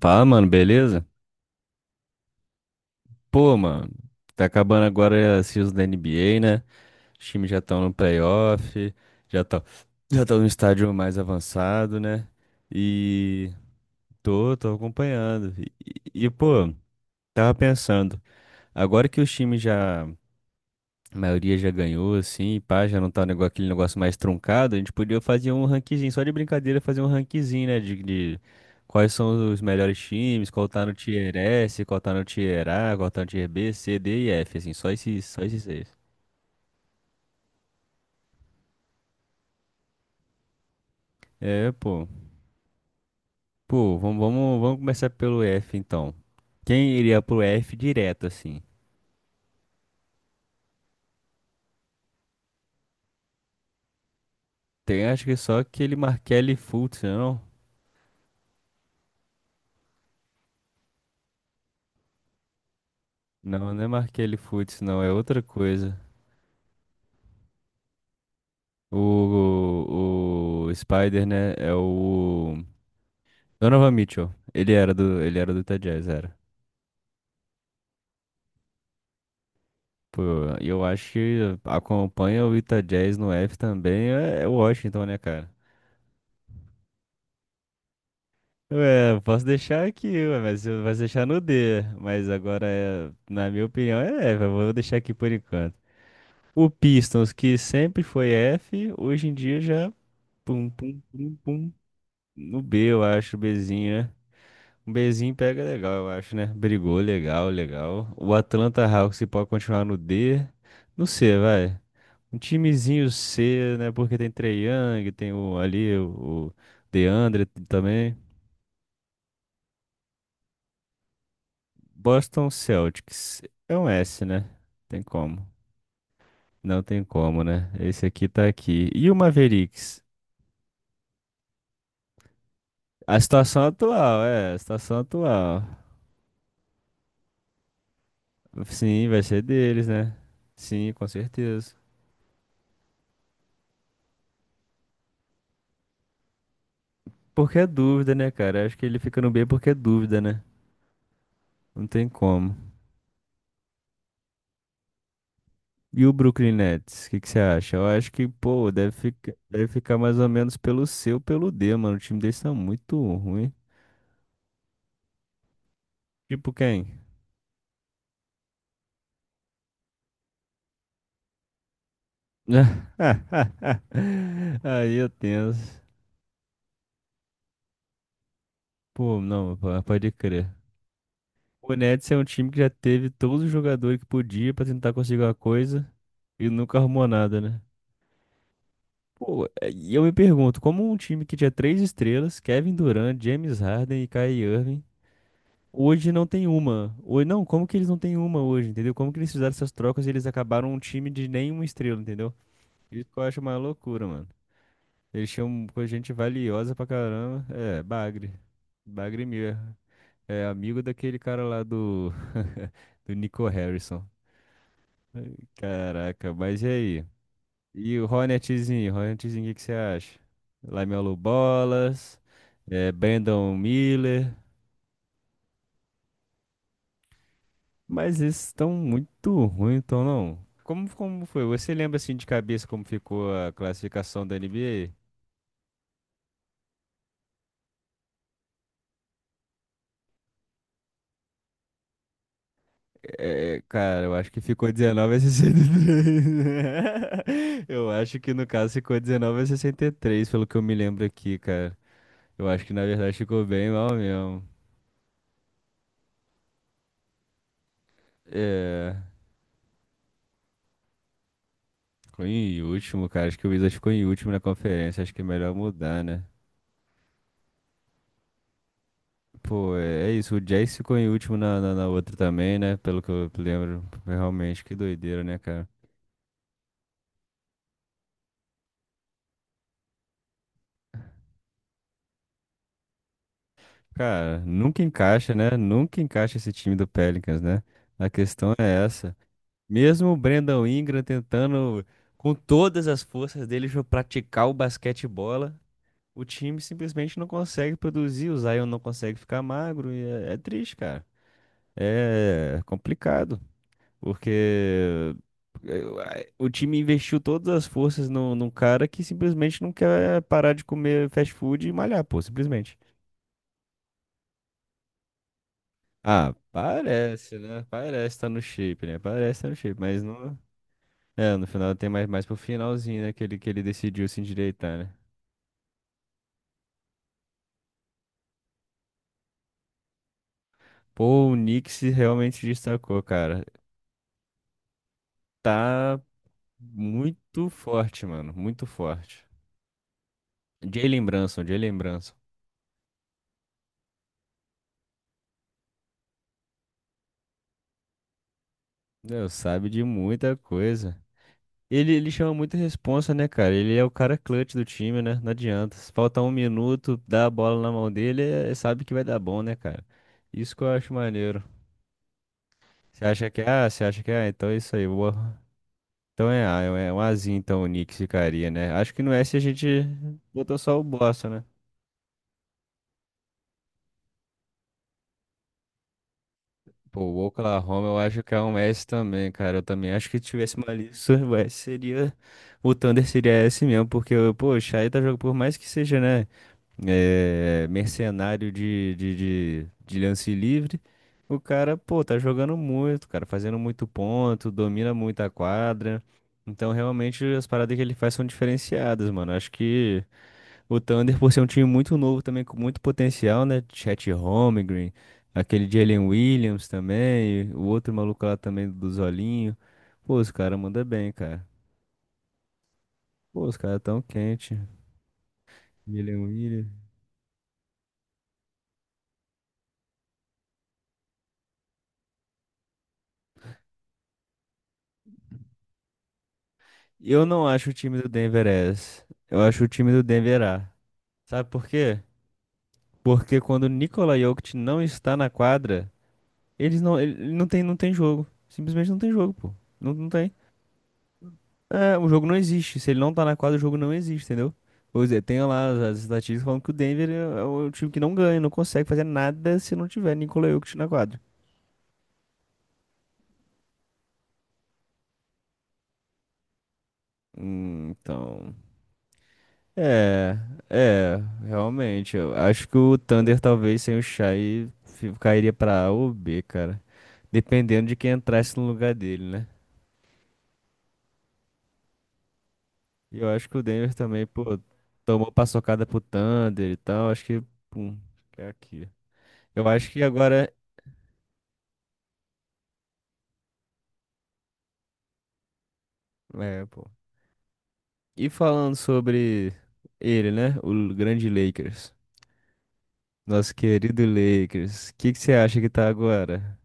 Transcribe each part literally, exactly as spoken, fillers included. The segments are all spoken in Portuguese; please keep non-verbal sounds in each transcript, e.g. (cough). Fala, mano, beleza? Pô, mano, tá acabando agora a season da N B A, né? Os times já estão no playoff, já estão já estão no estádio mais avançado, né? E tô, tô acompanhando. E, e, pô, tava pensando, agora que os times já a maioria já ganhou, assim, pá, já não tá o nego- aquele negócio mais truncado. A gente podia fazer um ranquezinho, só de brincadeira, fazer um ranquezinho, né? De, de quais são os melhores times, qual tá no Tier S, qual tá no Tier A, qual tá no Tier B, C, D e F, assim, só esses, só esses seis. É, pô. Pô, vamos, vamos, vamos começar pelo F, então. Quem iria pro F direto, assim? Tem, acho que só aquele Markelly Fultz, não? Não, não é Markelly Fultz, não, é outra coisa. O, o Spider, né, é o Donovan Mitchell. Ele era do, ele era do Utah Jazz, era. Pô, e eu acho que acompanha o Utah Jazz no F também é, é o Washington, né, cara? Ué, eu posso deixar aqui, ué, mas eu posso deixar no D. Mas agora, é, na minha opinião, é F. Eu vou deixar aqui por enquanto. O Pistons, que sempre foi F, hoje em dia já pum, pum, pum, pum, no B, eu acho, Bzinho, né? Um Bzinho pega legal, eu acho, né? Brigou, legal, legal. O Atlanta Hawks se pode continuar no D, no C, vai. Um timezinho C, né? Porque tem Trae Young, tem o, ali o, o DeAndre também. Boston Celtics é um S, né? Tem como. Não tem como, né? Esse aqui tá aqui. E o Mavericks? A situação atual, é, a situação atual. Sim, vai ser deles, né? Sim, com certeza. Porque é dúvida, né, cara? Acho que ele fica no B porque é dúvida, né? Não tem como. E o Brooklyn Nets, o que que você acha? Eu acho que, pô, deve ficar, deve ficar mais ou menos pelo C ou pelo D, mano. O time deles tá muito ruim. Tipo quem? (laughs) Aí eu tenso. Pô, não, pô, pode crer. O Nets é um time que já teve todos os jogadores que podia pra tentar conseguir uma coisa e nunca arrumou nada, né? Pô, é, e eu me pergunto, como um time que tinha três estrelas, Kevin Durant, James Harden e Kyrie Irving, hoje não tem uma. Hoje, não, como que eles não têm uma hoje, entendeu? Como que eles fizeram essas trocas e eles acabaram um time de nenhuma estrela, entendeu? Isso que eu acho uma loucura, mano. Eles tinham com gente valiosa pra caramba. É, Bagre. Bagre mesmo. É amigo daquele cara lá do... (laughs) do Nico Harrison. Caraca, mas e aí? E o Ronetzinho, Ronetzinho, o que que você acha? Lamelo Bolas, eh, Brandon Miller, mas esses estão muito ruins, então não. Como, como foi? Você lembra assim de cabeça como ficou a classificação da N B A? É, cara, eu acho que ficou dezenove a sessenta e três. (laughs) Eu acho que no caso ficou dezenove a sessenta e três, pelo que eu me lembro aqui, cara. Eu acho que na verdade ficou bem mal mesmo. É. Ficou em último, cara. Acho que o Wizards ficou em último na conferência. Acho que é melhor mudar, né? Pô, é, é isso. O Jazz ficou em último na, na, na outra também, né? Pelo que eu lembro. Realmente, que doideira, né, cara? Cara, nunca encaixa, né? Nunca encaixa esse time do Pelicans, né? A questão é essa. Mesmo o Brandon Ingram tentando, com todas as forças dele, jo- praticar o basquete bola, o time simplesmente não consegue produzir. O Zion não consegue ficar magro. E é é triste, cara. É complicado. Porque eu- o time investiu todas as forças no, num cara que simplesmente não quer parar de comer fast food e malhar, pô, simplesmente. Ah, parece, né? Parece tá no shape, né? Parece tá no shape, mas não. É, no final tem mais, mais pro finalzinho, né? Que ele, que ele decidiu se endireitar, né? Pô, o Knicks se realmente destacou, cara. Tá muito forte, mano. Muito forte. Jalen Brunson, Jalen Brunson. Deus, sabe de muita coisa. Ele, ele chama muita responsa, né, cara? Ele é o cara clutch do time, né? Não adianta. Se faltar um minuto, dá a bola na mão dele, é- é, sabe que vai dar bom, né, cara? Isso que eu acho maneiro. Você acha que é A? Você acha que é A? Então é isso aí. Boa. Então é A, é um é um Azinho, então o Knicks ficaria, né? Acho que no S a gente botou só o Boston, né? Pô, o Oklahoma eu acho que é um S também, cara. Eu também acho que se tivesse uma lista, o S seria. O Thunder seria S mesmo, porque, pô, o Shai tá jogando por mais que seja, né? É, mercenário de, de, de, de lance livre. O cara, pô, tá jogando muito, cara, fazendo muito ponto, domina muito a quadra. Então, realmente, as paradas que ele faz são diferenciadas, mano. Acho que o Thunder, por ser um time muito novo também, com muito potencial, né? Chet Holmgren, aquele Jalen Williams também, o outro maluco lá também do Zolinho. Pô, os caras mandam bem, cara. Pô, os caras tão quente. Jalen Williams. Eu não acho o time do Denver S. Eu acho o time do Denver A. Sabe por quê? Porque quando o Nikola Jokic não está na quadra, eles não, ele ele não tem, não tem jogo. Simplesmente não tem jogo, pô. Não, não tem. É, o jogo não existe. Se ele não tá na quadra, o jogo não existe, entendeu? Pois é, tem lá as, as estatísticas falando que o Denver é, é o time que não ganha, não consegue fazer nada se não tiver Nikola Jokic na quadra. Hum, então. É, é, realmente. Eu acho que o Thunder talvez sem o Shai fi- cairia pra A ou B, cara. Dependendo de quem entrasse no lugar dele, né? E eu acho que o Denver também, pô, tomou paçocada pro Thunder e tal. Acho que, pum, é aqui. Eu acho que agora. É, pô. E falando sobre ele, né? O grande Lakers. Nosso querido Lakers. O que que você acha que tá agora?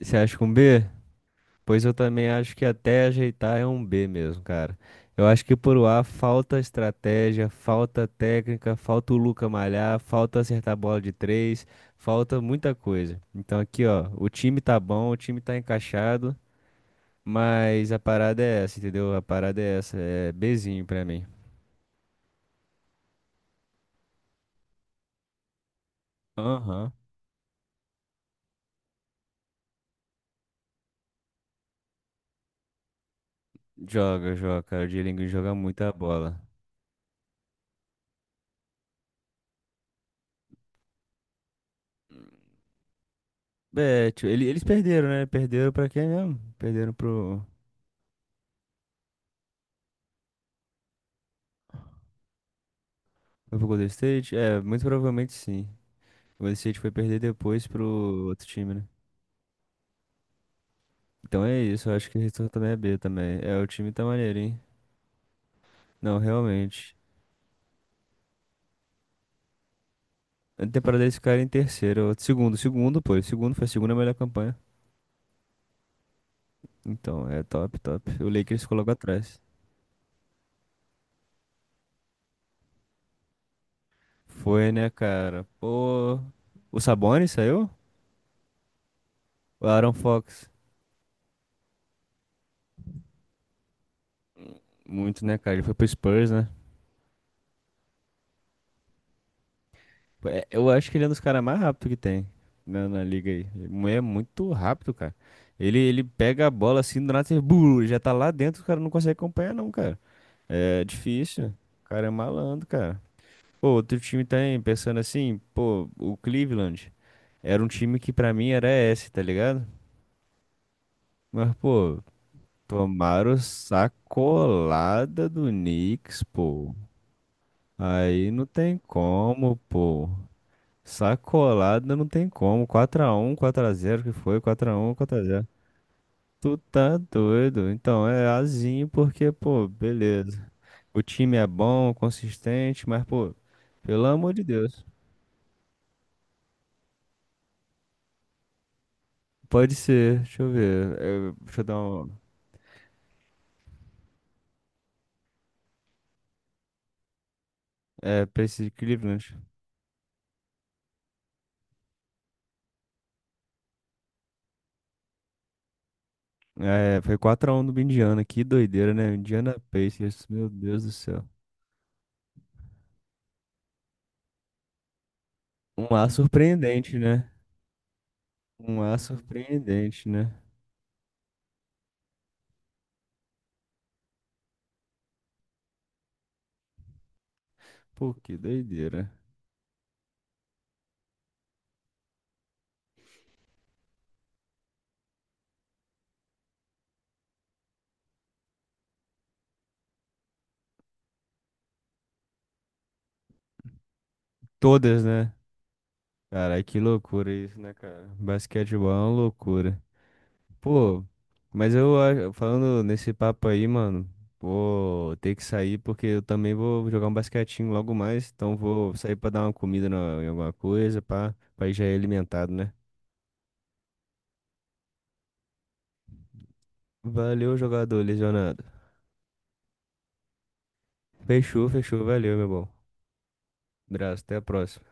Você acha com B? Pois eu também acho que até ajeitar é um B mesmo, cara. Eu acho que por A falta estratégia, falta técnica, falta o Luca malhar, falta acertar a bola de três, falta muita coisa. Então aqui, ó, o time tá bom, o time tá encaixado, mas a parada é essa, entendeu? A parada é essa, é Bzinho pra mim. Aham. Joga, joga, cara. O Dielingo joga muita bola. É, tio, ele- eles perderam, né? Perderam pra quem mesmo? Perderam pro, pro Golden State? É, muito provavelmente sim. O City foi perder depois pro outro time, né? Então é isso, eu acho que o Restor também é B também. É, o time tá maneiro, hein? Não, realmente. Na temporada eles ficaram em terceiro. Ou segundo, segundo, pô. Segundo foi a segunda melhor campanha. Então, é top, top. O Lakers colocou atrás. Foi, né, cara? Pô. O Sabonis saiu? O Aaron Fox. Muito, né, cara? Ele foi pro Spurs, né? É, eu acho que ele é um dos caras mais rápidos que tem na, na liga aí. Ele é muito rápido, cara. Ele, ele pega a bola assim, do nada, você, blu, já tá lá dentro, o cara não consegue acompanhar, não, cara. É difícil. O cara é malandro, cara. Pô, outro time também, pensando assim, pô, o Cleveland era um time que pra mim era esse, tá ligado? Mas, pô, tomaram sacolada do Knicks, pô. Aí não tem como, pô. Sacolada não tem como. Quatro a um, quatro a zero que foi, quatro a um, quatro a zero. Tu tá doido. Então é azinho porque, pô, beleza. O time é bom, consistente, mas, pô, pelo amor de Deus. Pode ser, deixa eu ver. É, deixa eu dar um. É, Pacers de Cleveland. É, foi quatro a um do Indiana. Que doideira, né? Indiana Pacers, meu Deus do céu. Um A surpreendente, né? Um A surpreendente, né? Pô, que doideira. Todas, né? Caralho, que loucura isso, né, cara? Basquetebol é uma loucura. Pô, mas eu a- falando nesse papo aí, mano, vou ter que sair porque eu também vou jogar um basquetinho logo mais, então vou sair pra dar uma comida na- em alguma coisa, pá, pra ir já ir alimentado, né? Valeu, jogador lesionado. Fechou, fechou, valeu, meu bom. Abraço, até a próxima.